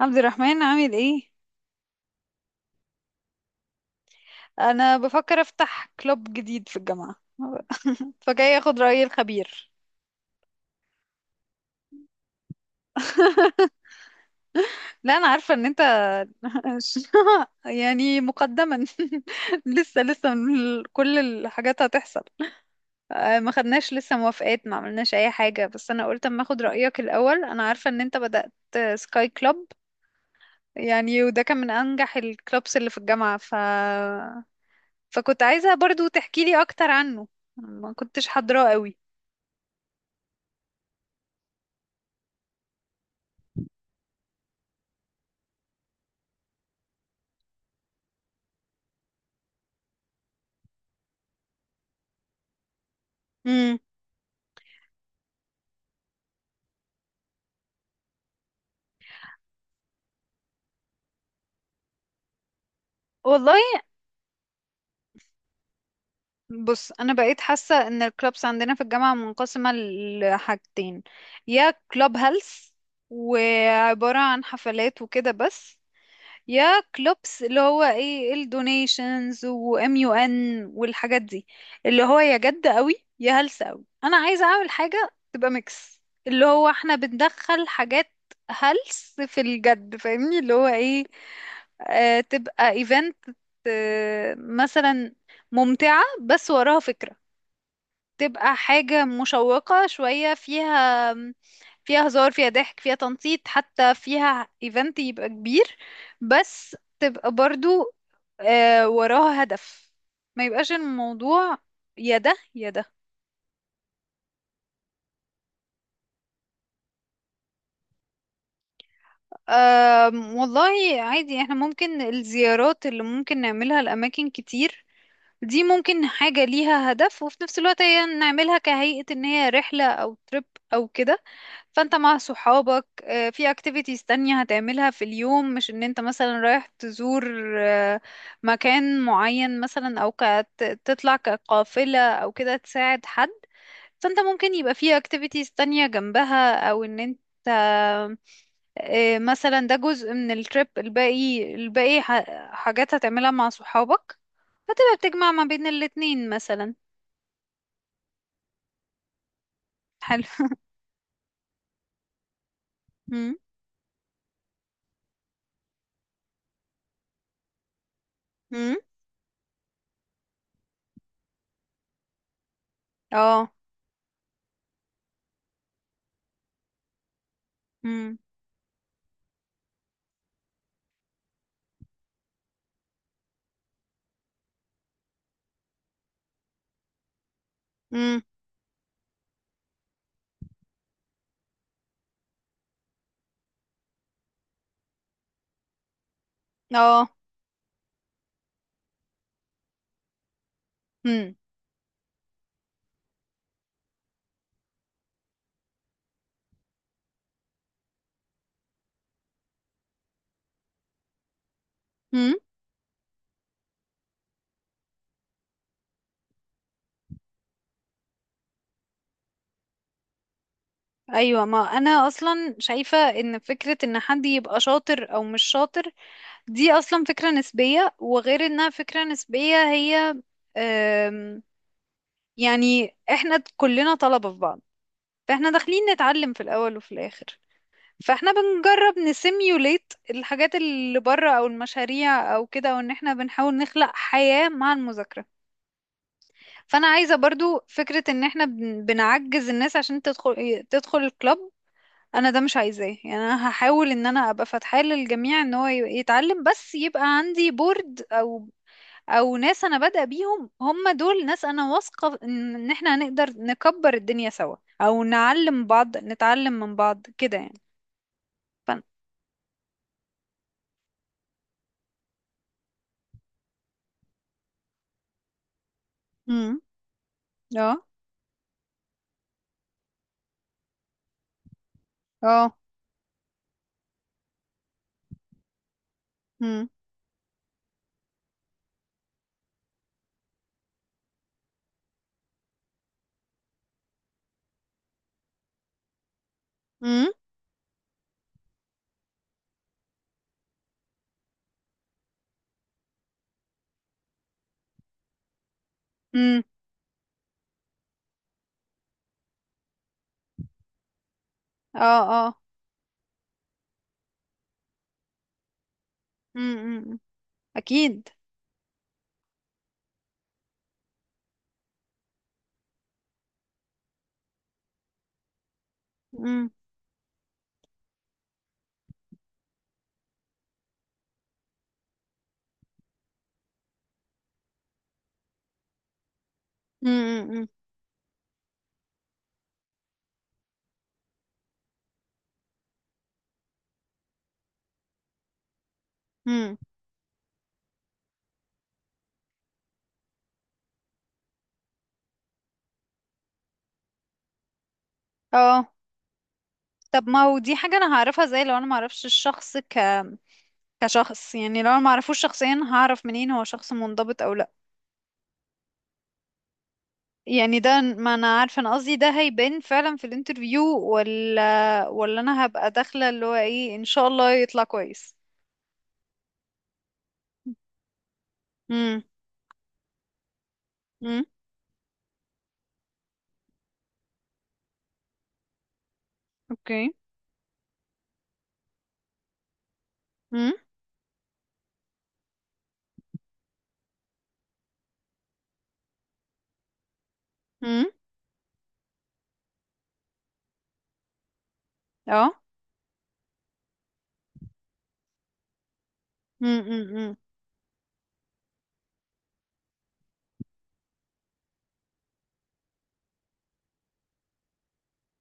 عبد الرحمن، عامل ايه؟ انا بفكر افتح كلوب جديد في الجامعه. فجاي اخد راي الخبير. لا، انا عارفه ان انت. يعني مقدما. لسه لسه، كل الحاجات هتحصل. آه، ما خدناش لسه موافقات، ما عملناش اي حاجه، بس انا قلت اما اخد رايك الاول. انا عارفه ان انت بدات سكاي كلوب. يعني وده كان من انجح الكلوبس اللي في الجامعه، فكنت عايزه برضو تحكي لي اكتر عنه. ما كنتش حاضراه قوي. امم والله، بص، انا بقيت حاسه ان الكلابس عندنا في الجامعه منقسمه لحاجتين: يا كلاب هيلث وعباره عن حفلات وكده بس، يا كلوبس اللي هو ايه الدونيشنز وام يو ان والحاجات دي، اللي هو يا جد قوي يا هلس قوي. انا عايزه اعمل حاجه تبقى ميكس، اللي هو احنا بندخل حاجات هلس في الجد، فاهمني؟ اللي هو ايه، آه تبقى ايفنت، آه مثلا ممتعه بس وراها فكره، تبقى حاجة مشوقة شوية، فيها، فيها هزار، فيها ضحك، فيها تنطيط، حتى فيها ايفنت يبقى كبير، بس تبقى برضو، آه، وراها هدف. ما يبقاش الموضوع يا ده يا ده. والله، عادي، احنا ممكن الزيارات اللي ممكن نعملها لأماكن كتير، دي ممكن حاجة ليها هدف، وفي نفس الوقت هي نعملها كهيئة ان هي رحلة او تريب او كده. فانت مع صحابك، في اكتيفيتيز تانية هتعملها في اليوم، مش ان انت مثلا رايح تزور، مكان معين مثلا، او تطلع كقافلة او كده تساعد حد. فانت ممكن يبقى في اكتيفيتيز تانية جنبها، او ان انت، مثلا ده جزء من التريب، الباقي، الباقي حاجات هتعملها مع صحابك، فتبقى بتجمع ما بين الاتنين مثلا. حلو. مم. مم. اه. مم. مم. اه. مم. مم. ايوه، ما انا اصلا شايفه ان فكره ان حد يبقى شاطر او مش شاطر، دي اصلا فكره نسبيه، وغير انها فكره نسبيه، هي، آم، يعني احنا كلنا طلبه في بعض، فاحنا داخلين نتعلم في الاول وفي الاخر، فاحنا بنجرب نسيميوليت الحاجات اللي بره او المشاريع او كده، وان احنا بنحاول نخلق حياه مع المذاكره. فانا عايزه برضو فكره ان احنا بنعجز الناس عشان تدخل الكلاب، انا ده مش عايزاه. يعني انا هحاول ان انا ابقى فاتحة للجميع ان هو يتعلم، بس يبقى عندي بورد، او ناس انا بادئة بيهم، هم دول ناس انا واثقة ان احنا هنقدر نكبر الدنيا سوا، او نعلم بعض نتعلم من بعض كده يعني. فن امم اه. اه. امم. امم. امم. اه. اه. امم. اكيد. امم. امم. امم. اه. طب، ما هو دي حاجة انا هعرفها ازاي؟ لو انا ما اعرفش الشخص كشخص، يعني لو انا معرفوش شخصيا، هعرف منين هو شخص منضبط او لا؟ يعني ده ما انا عارفه، انا قصدي ده هيبان فعلا في الانترفيو، ولا انا هبقى داخله اللي هو ايه، ان شاء الله يطلع كويس. امم. امم. اوكي. امم. امم. اه. امم.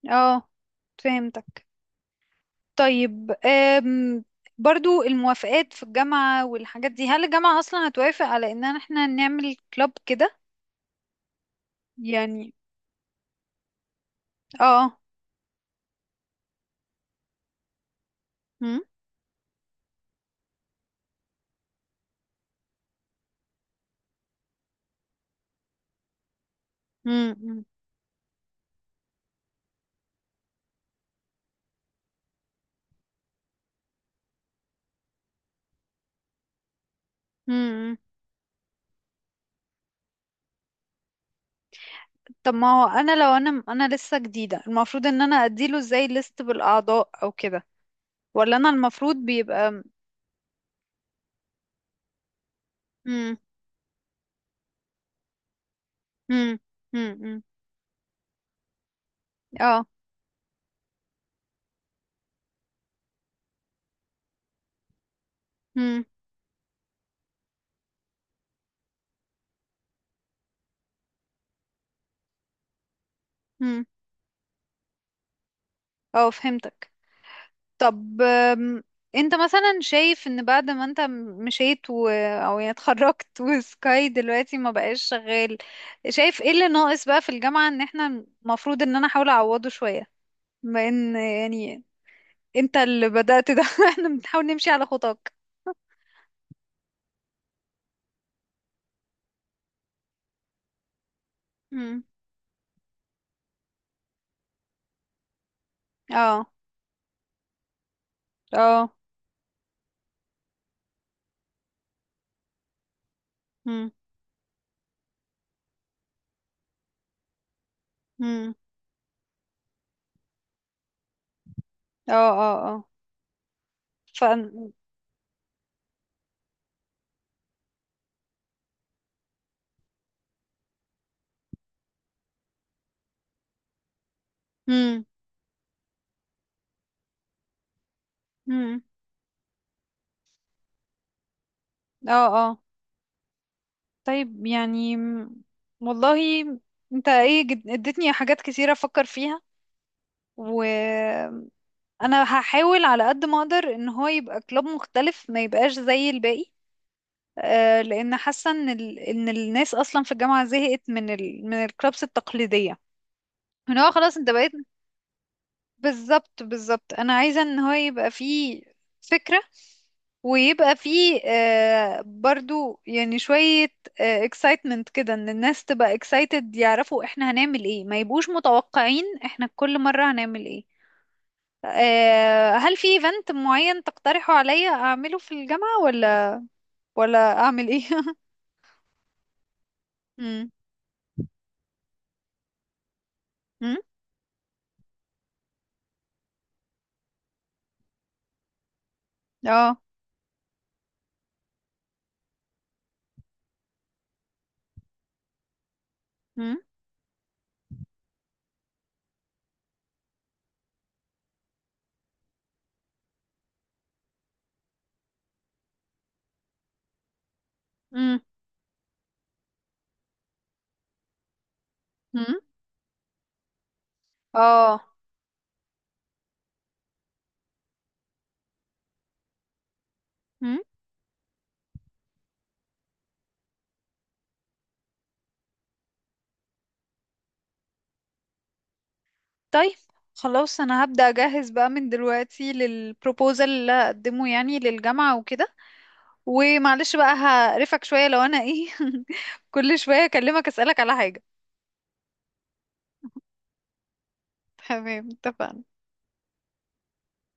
اه، فهمتك. طيب، برضو الموافقات في الجامعة والحاجات دي، هل الجامعة أصلا هتوافق على إن احنا نعمل كلاب كده يعني؟ اه. امم. امم. طب ما هو انا، لو انا لسه جديدة، المفروض ان انا اديله ازاي ليست بالاعضاء او كده، ولا انا المفروض بيبقى؟ امم. امم. امم. اه. امم. امم. اه، فهمتك. طب، أم، انت مثلا شايف ان بعد ما انت مشيت او يعني اتخرجت، وسكاي دلوقتي ما بقاش شغال، شايف ايه اللي ناقص بقى في الجامعة ان احنا المفروض ان انا احاول اعوضه شوية، بما ان يعني انت اللي بدأت ده. احنا بنحاول نمشي على خطاك. امم. اه. اه. امم. امم. اه. اه. اه. ف امم اه. اه. طيب، يعني والله، انت، ايه، اديتني حاجات كتيرة افكر فيها، وانا هحاول على قد ما اقدر ان هو يبقى كلوب مختلف، ما يبقاش زي الباقي. آه، لان حاسه ان الناس اصلا في الجامعه زهقت من الكلوبس التقليديه، ان هو خلاص انت بقيت. بالظبط بالظبط، انا عايزة ان هو يبقى فيه فكرة، ويبقى فيه، آه، برضو، يعني، شوية excitement كده، ان الناس تبقى excited يعرفوا احنا هنعمل ايه، ما يبقوش متوقعين احنا كل مرة هنعمل ايه. هل في event معين تقترحه عليا اعمله في الجامعة، ولا اعمل ايه؟ مم. مم. اه. مم. مم. مم. اه. طيب، خلاص، انا هبدأ اجهز بقى من دلوقتي للبروبوزال اللي هقدمه يعني للجامعة وكده. ومعلش بقى، هقرفك شوية لو انا ايه. كل شوية اكلمك اسألك على حاجة. تمام، اتفقنا.